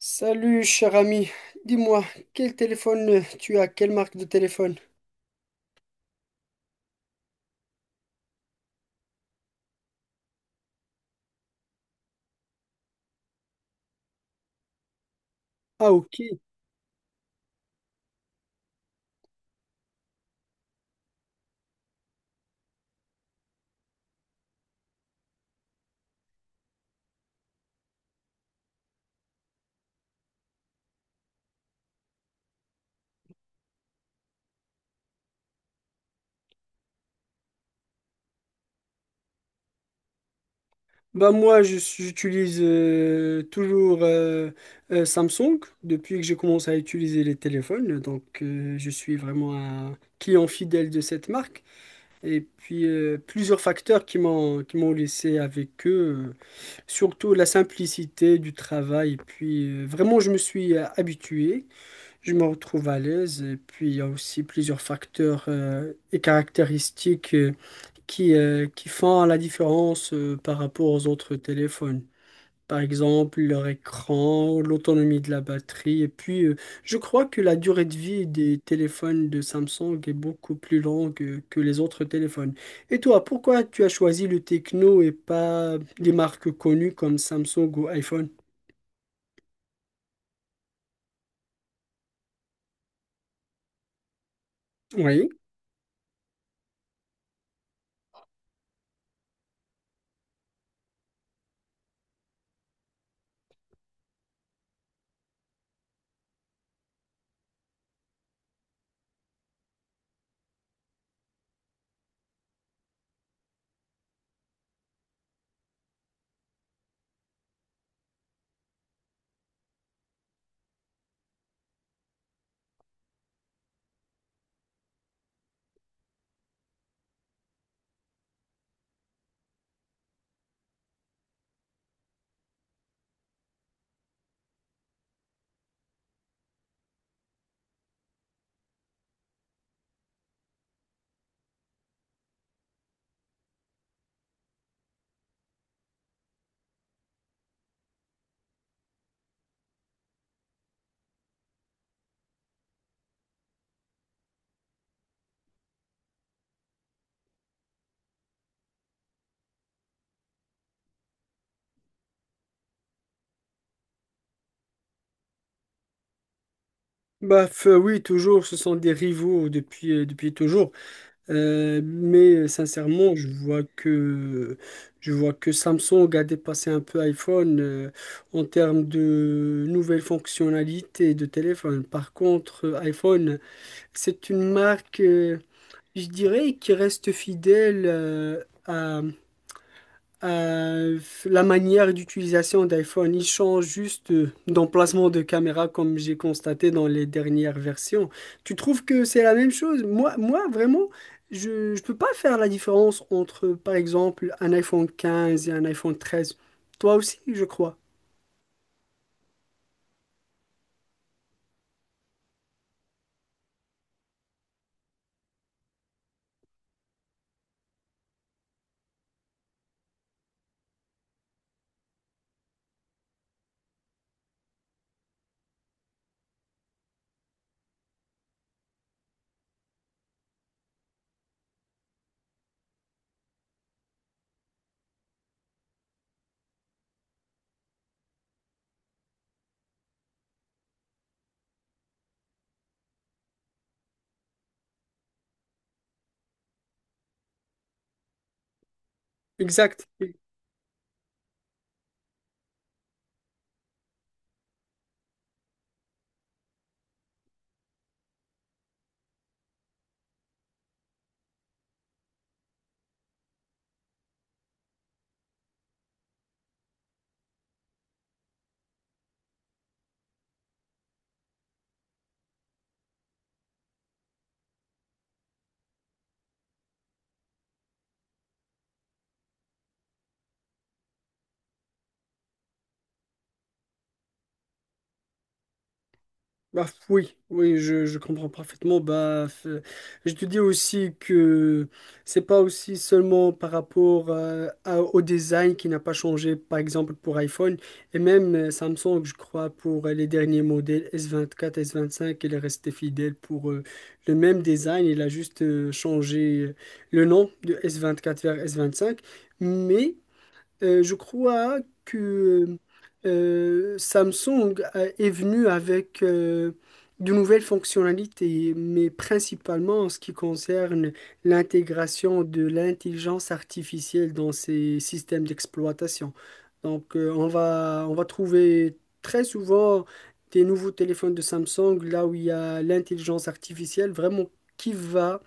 Salut cher ami, dis-moi, quel téléphone tu as? Quelle marque de téléphone? Ah ok, bah moi j'utilise toujours Samsung depuis que j'ai commencé à utiliser les téléphones, donc je suis vraiment un client fidèle de cette marque. Et puis plusieurs facteurs qui m'ont laissé avec eux, surtout la simplicité du travail. Et puis vraiment je me suis habitué. Je me retrouve à l'aise et puis il y a aussi plusieurs facteurs et caractéristiques qui font la différence par rapport aux autres téléphones. Par exemple, leur écran, l'autonomie de la batterie. Et puis, je crois que la durée de vie des téléphones de Samsung est beaucoup plus longue que les autres téléphones. Et toi, pourquoi tu as choisi le Tecno et pas des marques connues comme Samsung ou iPhone? Oui. Oui, toujours, ce sont des rivaux depuis, depuis toujours. Mais sincèrement, je vois que Samsung a dépassé un peu iPhone en termes de nouvelles fonctionnalités de téléphone. Par contre, iPhone, c'est une marque, je dirais, qui reste fidèle euh, la manière d'utilisation d'iPhone, il change juste d'emplacement de caméra comme j'ai constaté dans les dernières versions. Tu trouves que c'est la même chose? Moi vraiment, je ne peux pas faire la différence entre, par exemple, un iPhone 15 et un iPhone 13. Toi aussi, je crois. Exact. Bah, oui, je comprends parfaitement. Je te dis aussi que c'est pas aussi seulement par rapport au design qui n'a pas changé, par exemple pour iPhone et même Samsung, je crois, pour les derniers modèles S24, S25, il est resté fidèle pour le même design. Il a juste changé le nom de S24 vers S25, mais je crois que Samsung est venu avec de nouvelles fonctionnalités, mais principalement en ce qui concerne l'intégration de l'intelligence artificielle dans ses systèmes d'exploitation. Donc, on va trouver très souvent des nouveaux téléphones de Samsung là où il y a l'intelligence artificielle vraiment qui va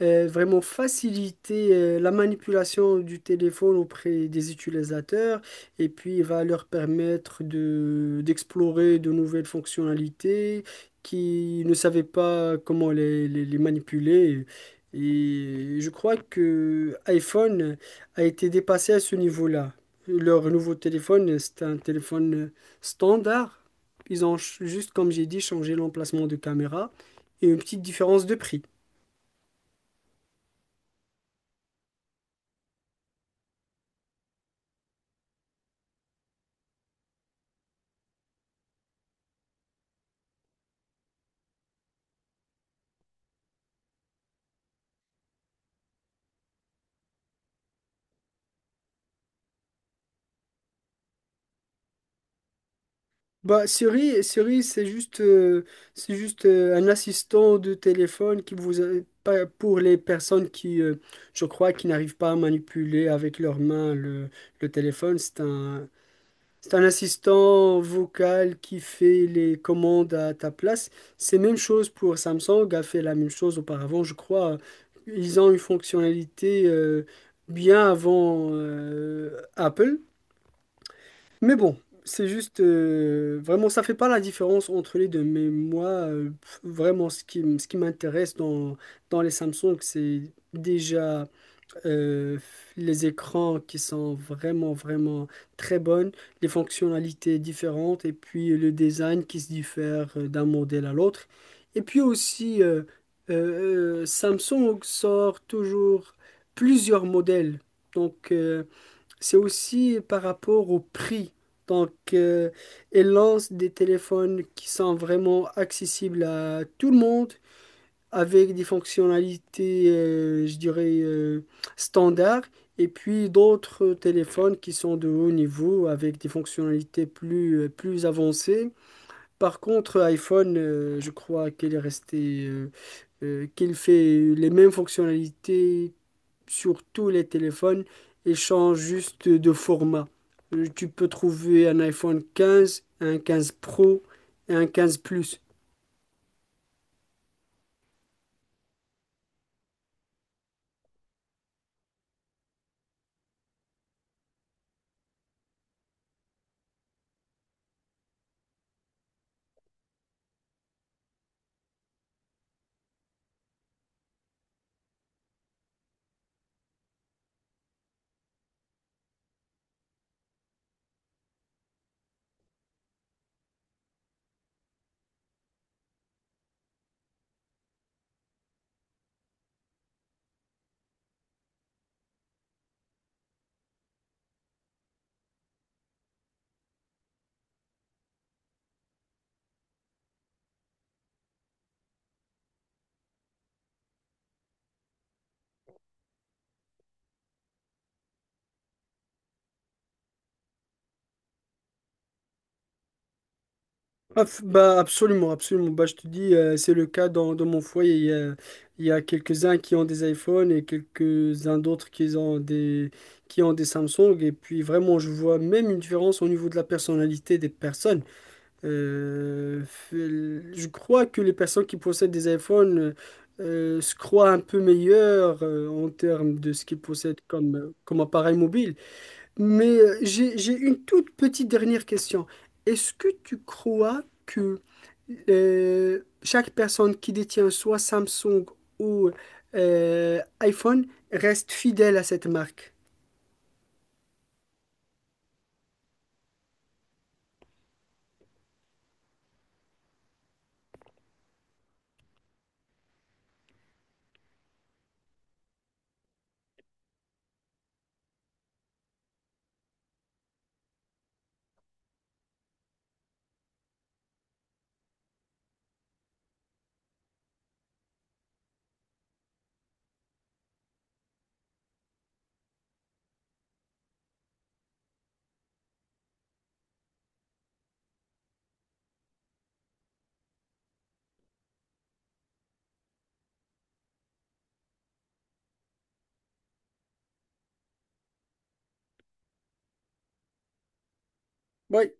vraiment faciliter la manipulation du téléphone auprès des utilisateurs et puis il va leur permettre de d'explorer de nouvelles fonctionnalités qui ne savaient pas comment les manipuler. Et je crois que iPhone a été dépassé à ce niveau-là. Leur nouveau téléphone, c'est un téléphone standard. Juste, comme j'ai dit, changé l'emplacement de caméra et une petite différence de prix. Bah, Siri, c'est juste un assistant de téléphone qui vous a- pas- pour les personnes qui, je crois, qui n'arrivent pas à manipuler avec leurs mains le téléphone. C'est un assistant vocal qui fait les commandes à ta place. C'est même chose pour Samsung, a fait la même chose auparavant, je crois. Ils ont une fonctionnalité bien avant Apple. Mais bon, c'est juste vraiment ça fait pas la différence entre les deux. Mais moi, vraiment ce qui m'intéresse dans les Samsung, c'est déjà euh, les écrans qui sont vraiment très bonnes, les fonctionnalités différentes et puis le design qui se diffère d'un modèle à l'autre. Et puis aussi Samsung sort toujours plusieurs modèles. Donc c'est aussi par rapport au prix. Donc, elle lance des téléphones qui sont vraiment accessibles à tout le monde, avec des fonctionnalités, je dirais, standards, et puis d'autres téléphones qui sont de haut niveau, avec des fonctionnalités plus, plus avancées. Par contre, iPhone, je crois qu'elle est restée, qu'elle fait les mêmes fonctionnalités sur tous les téléphones et change juste de format. Tu peux trouver un iPhone 15, un 15 Pro et un 15 Plus. Ah, bah absolument, absolument. Bah, je te dis, c'est le cas dans mon foyer. Il y a quelques-uns qui ont des iPhones et quelques-uns d'autres qui ont qui ont des Samsung. Et puis vraiment, je vois même une différence au niveau de la personnalité des personnes. Euh, je crois que les personnes qui possèdent des iPhones se croient un peu meilleures en termes de ce qu'ils possèdent comme, comme appareil mobile. Mais j'ai une toute petite dernière question. Est-ce que tu crois que chaque personne qui détient soit Samsung ou iPhone reste fidèle à cette marque? Oui.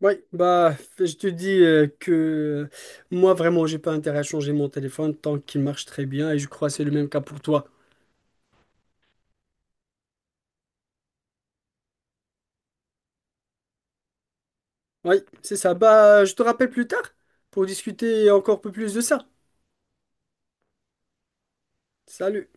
Oui, bah, je te dis que moi, vraiment, j'ai pas intérêt à changer mon téléphone tant qu'il marche très bien et je crois que c'est le même cas pour toi. Oui, c'est ça. Bah, je te rappelle plus tard pour discuter encore un peu plus de ça. Salut.